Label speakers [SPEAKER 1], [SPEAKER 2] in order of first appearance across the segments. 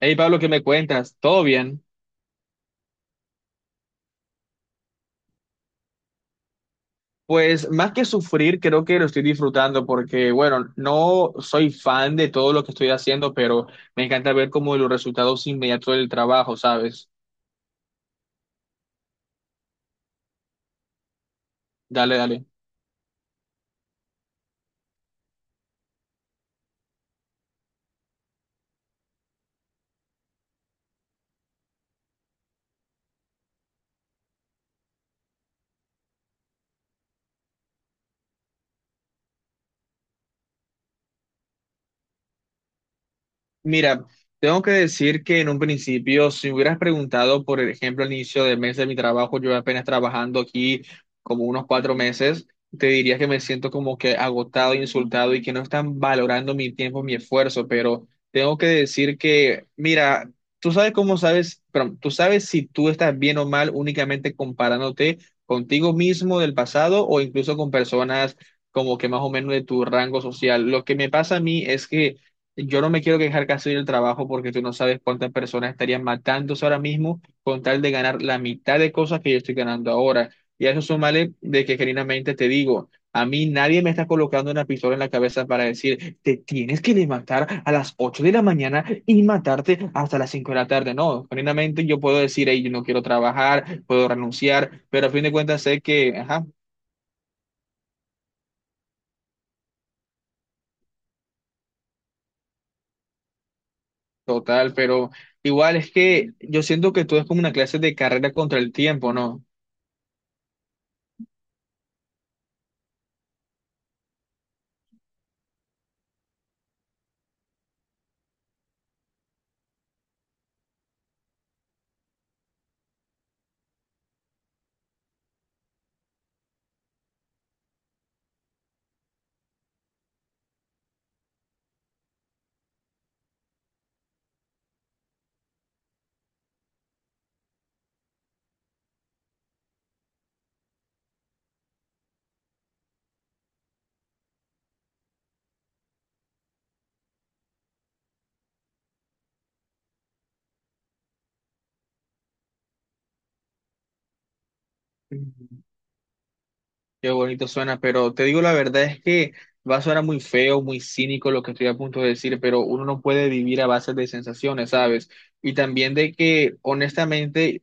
[SPEAKER 1] Hey Pablo, ¿qué me cuentas? ¿Todo bien? Pues más que sufrir, creo que lo estoy disfrutando porque, bueno, no soy fan de todo lo que estoy haciendo, pero me encanta ver como los resultados inmediatos del trabajo, ¿sabes? Dale, dale. Mira, tengo que decir que en un principio, si hubieras preguntado, por ejemplo, al inicio del mes de mi trabajo, yo apenas trabajando aquí como unos 4 meses, te diría que me siento como que agotado, insultado y que no están valorando mi tiempo, mi esfuerzo, pero tengo que decir que, mira, tú sabes cómo sabes, pero tú sabes si tú estás bien o mal únicamente comparándote contigo mismo del pasado o incluso con personas como que más o menos de tu rango social. Lo que me pasa a mí es que yo no me quiero quejar casi del trabajo porque tú no sabes cuántas personas estarían matándose ahora mismo con tal de ganar la mitad de cosas que yo estoy ganando ahora. Y a eso súmale de que genuinamente te digo, a mí nadie me está colocando una pistola en la cabeza para decir, te tienes que levantar a las 8 de la mañana y matarte hasta las 5 de la tarde. No, genuinamente yo puedo decir, hey, yo no quiero trabajar, puedo renunciar, pero a fin de cuentas sé que, ajá, total, pero igual es que yo siento que todo es como una clase de carrera contra el tiempo, ¿no? Qué bonito suena, pero te digo la verdad es que va a sonar muy feo, muy cínico lo que estoy a punto de decir, pero uno no puede vivir a base de sensaciones, ¿sabes? Y también de que, honestamente,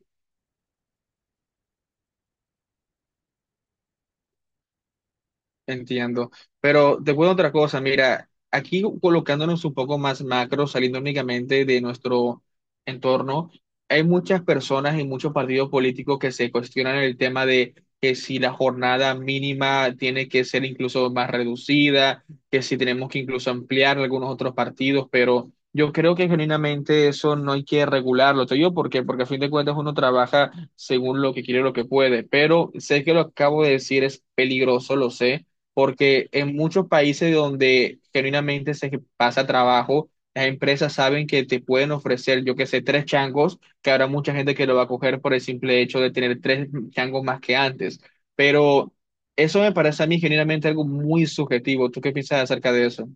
[SPEAKER 1] entiendo. Pero te cuento otra cosa, mira, aquí colocándonos un poco más macro, saliendo únicamente de nuestro entorno, hay muchas personas y muchos partidos políticos que se cuestionan el tema de que si la jornada mínima tiene que ser incluso más reducida, que si tenemos que incluso ampliar algunos otros partidos, pero yo creo que genuinamente eso no hay que regularlo. Te digo por qué, porque a fin de cuentas uno trabaja según lo que quiere, lo que puede, pero sé que lo acabo de decir es peligroso, lo sé porque en muchos países donde genuinamente se pasa trabajo, las empresas saben que te pueden ofrecer, yo que sé, tres changos, que habrá mucha gente que lo va a coger por el simple hecho de tener tres changos más que antes. Pero eso me parece a mí genuinamente algo muy subjetivo. ¿Tú qué piensas acerca de eso?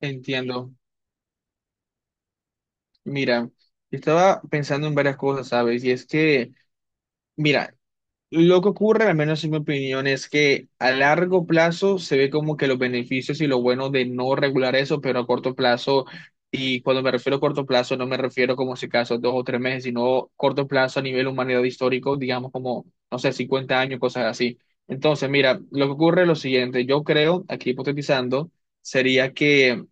[SPEAKER 1] Entiendo. Mira, yo estaba pensando en varias cosas, ¿sabes? Y es que, mira, lo que ocurre, al menos en mi opinión, es que a largo plazo se ve como que los beneficios y lo bueno de no regular eso, pero a corto plazo, y cuando me refiero a corto plazo, no me refiero como si acaso dos o tres meses, sino corto plazo a nivel humanidad histórico, digamos como, no sé, 50 años, cosas así. Entonces, mira, lo que ocurre es lo siguiente, yo creo, aquí hipotetizando, sería que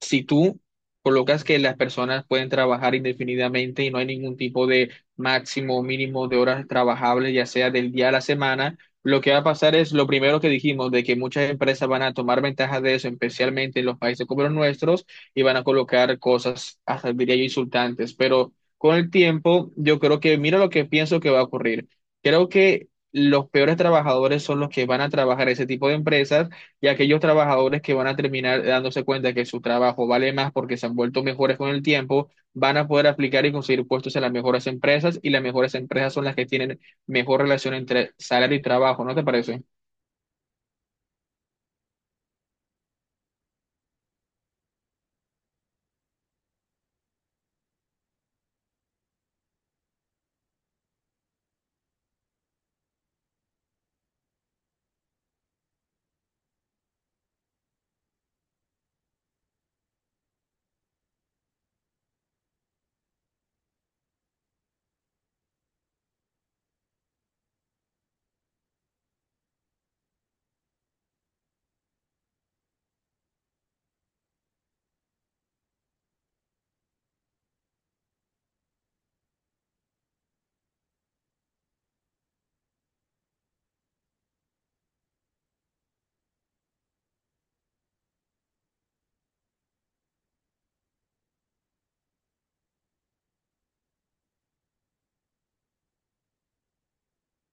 [SPEAKER 1] si tú colocas que las personas pueden trabajar indefinidamente y no hay ningún tipo de máximo o mínimo de horas trabajables, ya sea del día a la semana, lo que va a pasar es lo primero que dijimos, de que muchas empresas van a tomar ventaja de eso, especialmente en los países como los nuestros, y van a colocar cosas, hasta diría yo, insultantes. Pero con el tiempo, yo creo que, mira lo que pienso que va a ocurrir. Creo que los peores trabajadores son los que van a trabajar ese tipo de empresas y aquellos trabajadores que van a terminar dándose cuenta que su trabajo vale más porque se han vuelto mejores con el tiempo, van a poder aplicar y conseguir puestos en las mejores empresas y las mejores empresas son las que tienen mejor relación entre salario y trabajo, ¿no te parece?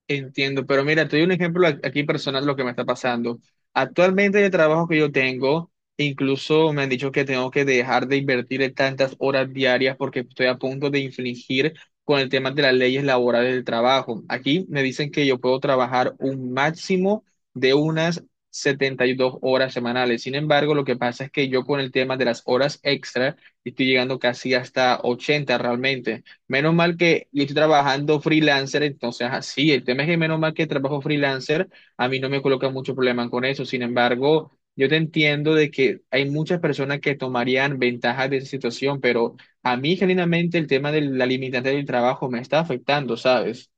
[SPEAKER 1] Entiendo, pero mira, te doy un ejemplo aquí personal de lo que me está pasando. Actualmente en el trabajo que yo tengo, incluso me han dicho que tengo que dejar de invertir tantas horas diarias porque estoy a punto de infringir con el tema de las leyes laborales del trabajo. Aquí me dicen que yo puedo trabajar un máximo de unas 72 horas semanales. Sin embargo, lo que pasa es que yo con el tema de las horas extra estoy llegando casi hasta 80 realmente. Menos mal que yo estoy trabajando freelancer, entonces así, el tema es que menos mal que trabajo freelancer, a mí no me coloca mucho problema con eso. Sin embargo, yo te entiendo de que hay muchas personas que tomarían ventaja de esa situación, pero a mí genuinamente el tema de la limitante del trabajo me está afectando, ¿sabes?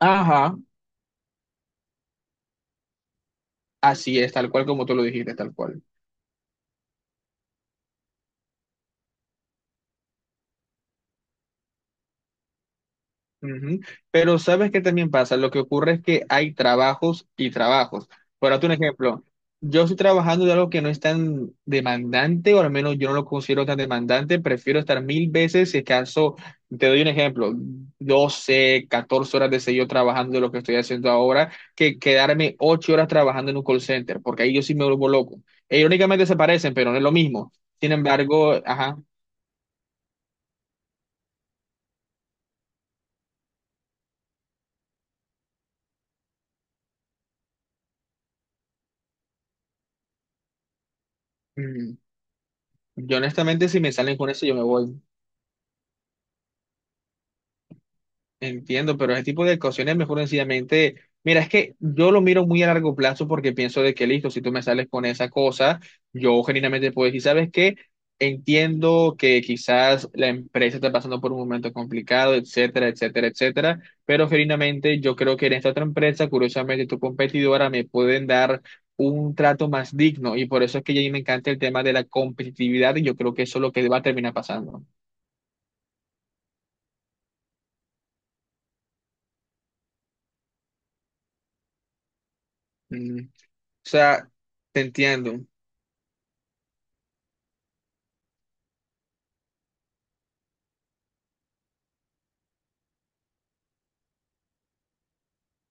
[SPEAKER 1] Ajá. Así es, tal cual como tú lo dijiste, tal cual. Ujú. Pero sabes qué también pasa, lo que ocurre es que hay trabajos y trabajos. Por darte un ejemplo, yo estoy trabajando de algo que no es tan demandante, o al menos yo no lo considero tan demandante, prefiero estar mil veces, si acaso, te doy un ejemplo, 12 14 horas de seguido trabajando de lo que estoy haciendo ahora, que quedarme 8 horas trabajando en un call center, porque ahí yo sí me vuelvo loco. E irónicamente se parecen, pero no es lo mismo. Sin embargo, ajá, mm, yo honestamente si me salen con eso, yo me voy. Entiendo, pero ese tipo de ocasiones mejor sencillamente, mira, es que yo lo miro muy a largo plazo porque pienso de que listo, si tú me sales con esa cosa, yo genuinamente puedo decir, ¿sabes qué? Entiendo que quizás la empresa está pasando por un momento complicado, etcétera, etcétera, etcétera, pero genuinamente yo creo que en esta otra empresa, curiosamente tu competidora, me pueden dar un trato más digno y por eso es que a mí me encanta el tema de la competitividad y yo creo que eso es lo que va a terminar pasando. Mm, O sea, te entiendo.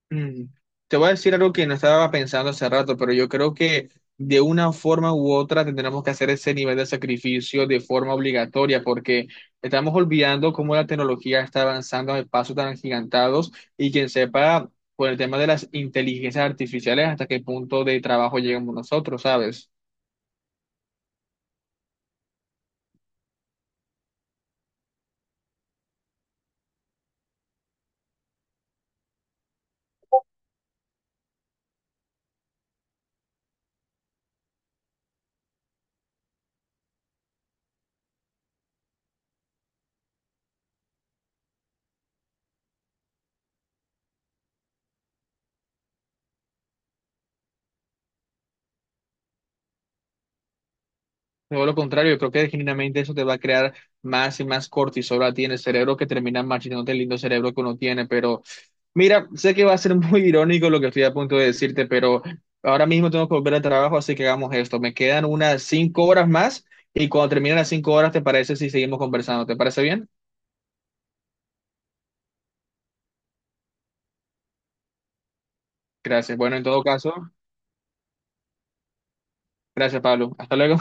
[SPEAKER 1] Mm, Te voy a decir algo que no estaba pensando hace rato, pero yo creo que de una forma u otra tendremos que hacer ese nivel de sacrificio de forma obligatoria, porque estamos olvidando cómo la tecnología está avanzando a pasos tan agigantados y quien sepa, por el tema de las inteligencias artificiales, hasta qué punto de trabajo llegamos nosotros, ¿sabes? Todo lo contrario, yo creo que genuinamente eso te va a crear más y más cortisol a ti en el cerebro que termina marchitándote el lindo cerebro que uno tiene. Pero mira, sé que va a ser muy irónico lo que estoy a punto de decirte, pero ahora mismo tengo que volver al trabajo, así que hagamos esto. Me quedan unas 5 horas más y cuando terminen las 5 horas, ¿te parece si seguimos conversando? ¿Te parece bien? Gracias. Bueno, en todo caso, gracias, Pablo. Hasta luego.